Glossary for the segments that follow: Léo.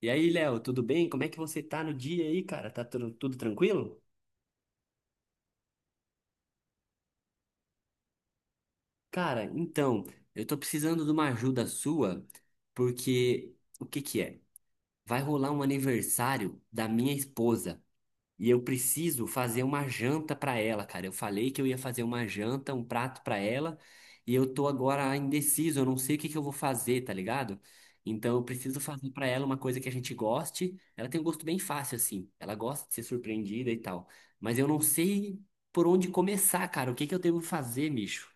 E aí, Léo, tudo bem? Como é que você tá no dia aí, cara? Tá tudo tranquilo? Cara, então, eu tô precisando de uma ajuda sua, porque o que que é? Vai rolar um aniversário da minha esposa. E eu preciso fazer uma janta para ela, cara. Eu falei que eu ia fazer uma janta, um prato para ela, e eu tô agora indeciso, eu não sei o que que eu vou fazer, tá ligado? Então eu preciso fazer para ela uma coisa que a gente goste. Ela tem um gosto bem fácil assim. Ela gosta de ser surpreendida e tal. Mas eu não sei por onde começar, cara. O que que eu devo fazer, bicho?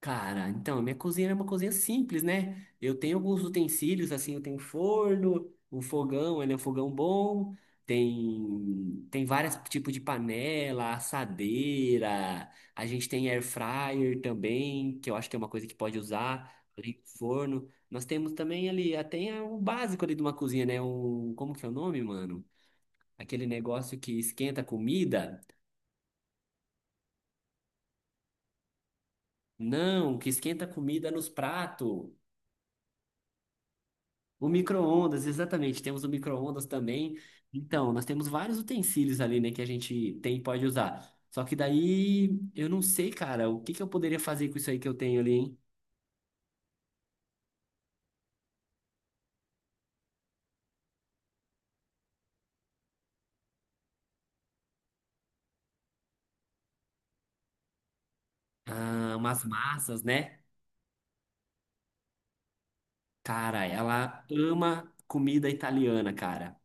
Cara, então, minha cozinha é uma cozinha simples, né? Eu tenho alguns utensílios, assim, eu tenho um forno, um fogão, ele é um fogão bom, tem vários tipos de panela, assadeira, a gente tem air fryer também, que eu acho que é uma coisa que pode usar, além do forno. Nós temos também ali, até o básico ali de uma cozinha, né? Um, como que é o nome, mano? Aquele negócio que esquenta a comida? Não, que esquenta a comida nos pratos. O micro-ondas, exatamente. Temos o micro-ondas também. Então, nós temos vários utensílios ali, né, que a gente tem e pode usar. Só que daí, eu não sei, cara, o que que eu poderia fazer com isso aí que eu tenho ali, hein? Ah, umas massas, né? Cara, ela ama comida italiana, cara.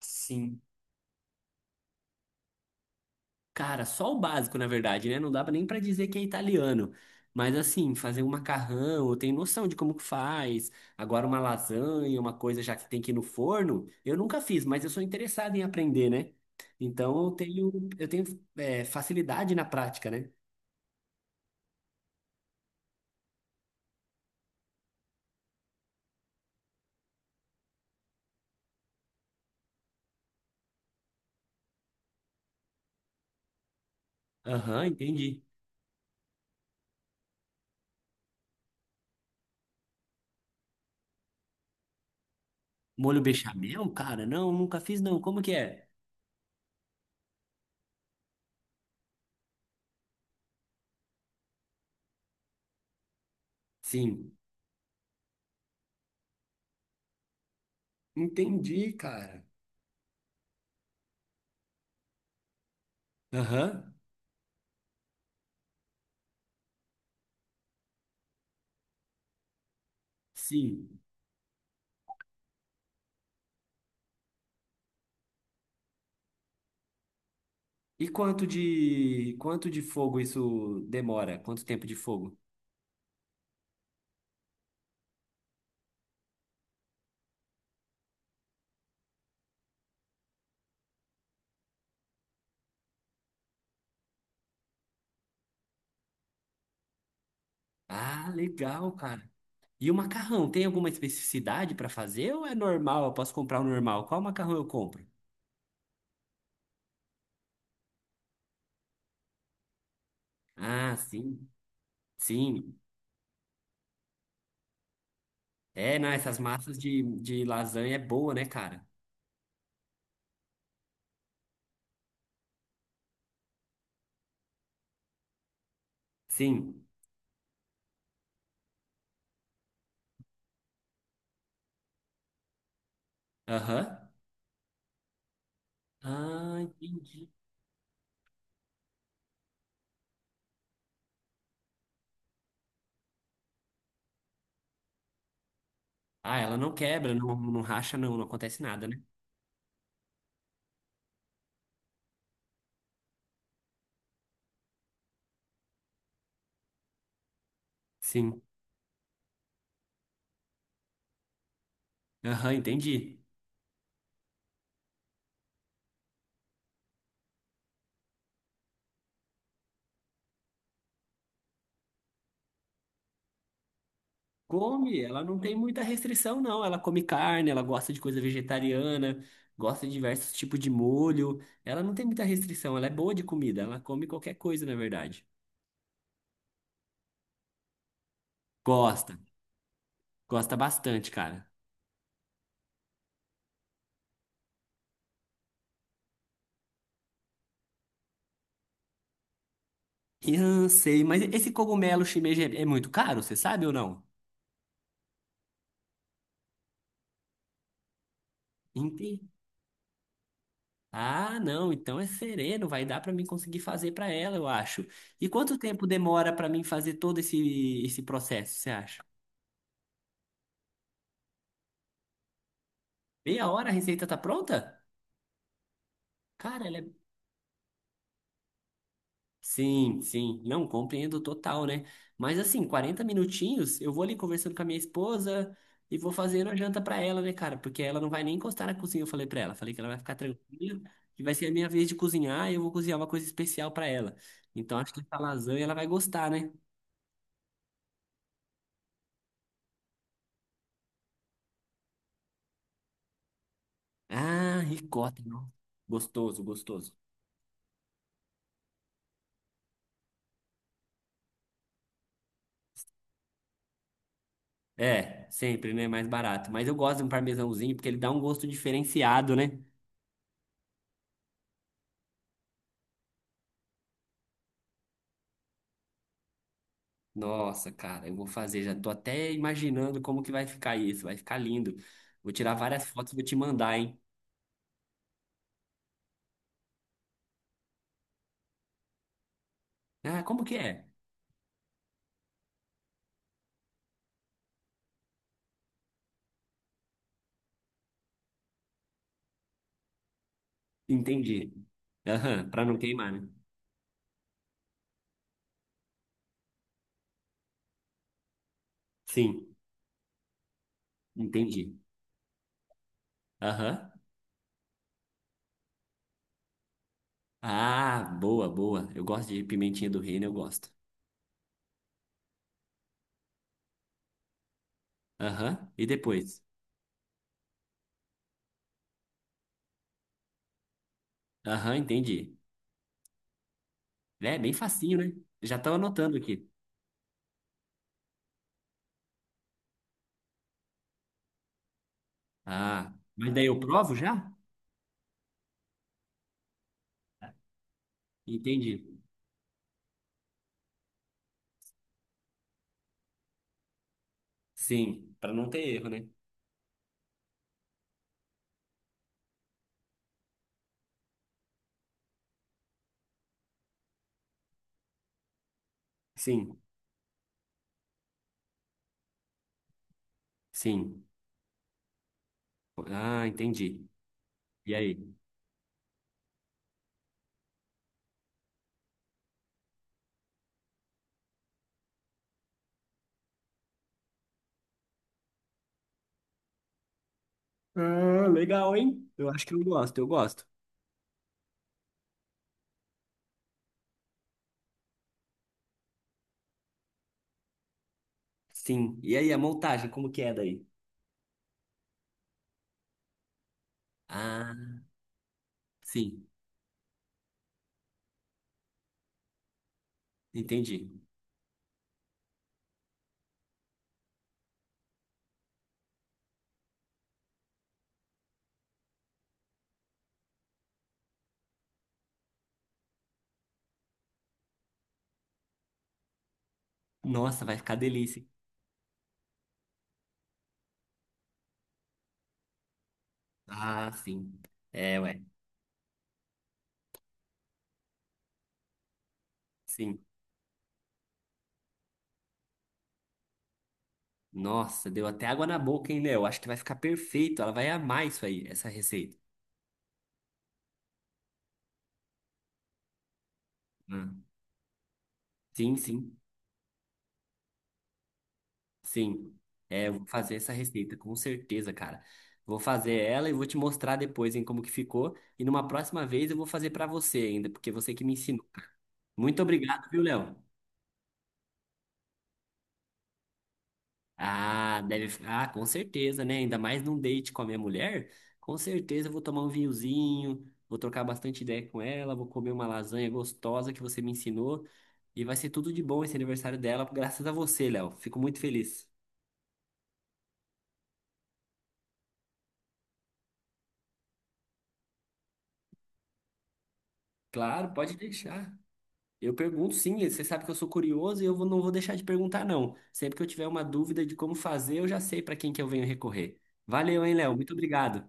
Sim. Cara, só o básico, na verdade, né? Não dá nem pra dizer que é italiano. Mas assim, fazer um macarrão, eu tenho noção de como que faz. Agora uma lasanha, uma coisa já que tem que ir no forno, eu nunca fiz, mas eu sou interessado em aprender, né? Então eu tenho é, facilidade na prática, né? Aham, entendi. Molho bechamel, cara? Não, nunca fiz, não. Como que é? Sim. Entendi, cara. Aham. Sim. E quanto de fogo isso demora? Quanto tempo de fogo? Ah, legal, cara. E o macarrão, tem alguma especificidade para fazer ou é normal? Eu posso comprar o normal? Qual macarrão eu compro? Ah, sim, sim. É, não, essas massas de lasanha é boa, né, cara? Sim. Aham. Ah, entendi. Ah, ela não quebra, não, não racha, não, não acontece nada, né? Sim. Aham, entendi. Come, ela não tem muita restrição, não. Ela come carne, ela gosta de coisa vegetariana, gosta de diversos tipos de molho. Ela não tem muita restrição, ela é boa de comida, ela come qualquer coisa, na verdade. Gosta, gosta bastante, cara. Eu sei, mas esse cogumelo shimeji é muito caro, você sabe ou não? Entendi. Ah, não, então é sereno, vai dar pra mim conseguir fazer pra ela, eu acho. E quanto tempo demora pra mim fazer todo esse, esse processo, você acha? Meia hora a receita tá pronta? Cara, ela é Sim, sim. Não, compreendo total, né? Mas assim, 40 minutinhos, eu vou ali conversando com a minha esposa e vou fazendo a janta pra ela, né, cara? Porque ela não vai nem encostar na cozinha, eu falei pra ela. Falei que ela vai ficar tranquila, que vai ser a minha vez de cozinhar e eu vou cozinhar uma coisa especial pra ela. Então acho que essa lasanha ela vai gostar, né? Ah, ricota, não. Gostoso, gostoso. É, sempre, né? Mais barato. Mas eu gosto de um parmesãozinho porque ele dá um gosto diferenciado, né? Nossa, cara, eu vou fazer, já tô até imaginando como que vai ficar isso, vai ficar lindo. Vou tirar várias fotos e vou te mandar, hein? Ah, como que é? Entendi. Aham, pra não queimar, né? Sim, entendi. Aham. Ah, boa, boa. Eu gosto de pimentinha do reino, eu gosto. Aham, e depois? Aham, entendi. É, bem facinho, né? Já tô anotando aqui. Ah, mas daí eu provo já? Entendi. Sim, pra não ter erro, né? Sim, sim. Ah, entendi. E aí? Ah, legal, hein? Eu acho que eu gosto, eu gosto. Sim. E aí, a montagem, como que é daí? Ah, sim, entendi. Nossa, vai ficar delícia, hein? Ah, sim. É, ué. Sim. Nossa, deu até água na boca, hein, Léo? Acho que vai ficar perfeito. Ela vai amar isso aí, essa receita. Ah, Sim, sim, sim. É, eu vou fazer essa receita, com certeza, cara. Vou fazer ela e vou te mostrar depois, hein, como que ficou. E numa próxima vez eu vou fazer pra você ainda, porque você que me ensinou. Muito obrigado, viu, Léo? Ah, deve. Ah, com certeza, né? Ainda mais num date com a minha mulher. Com certeza eu vou tomar um vinhozinho, vou trocar bastante ideia com ela, vou comer uma lasanha gostosa que você me ensinou. E vai ser tudo de bom esse aniversário dela, graças a você, Léo. Fico muito feliz. Claro, pode deixar. Eu pergunto sim, você sabe que eu sou curioso e eu não vou deixar de perguntar, não. Sempre que eu tiver uma dúvida de como fazer, eu já sei para quem que eu venho recorrer. Valeu, hein, Léo? Muito obrigado.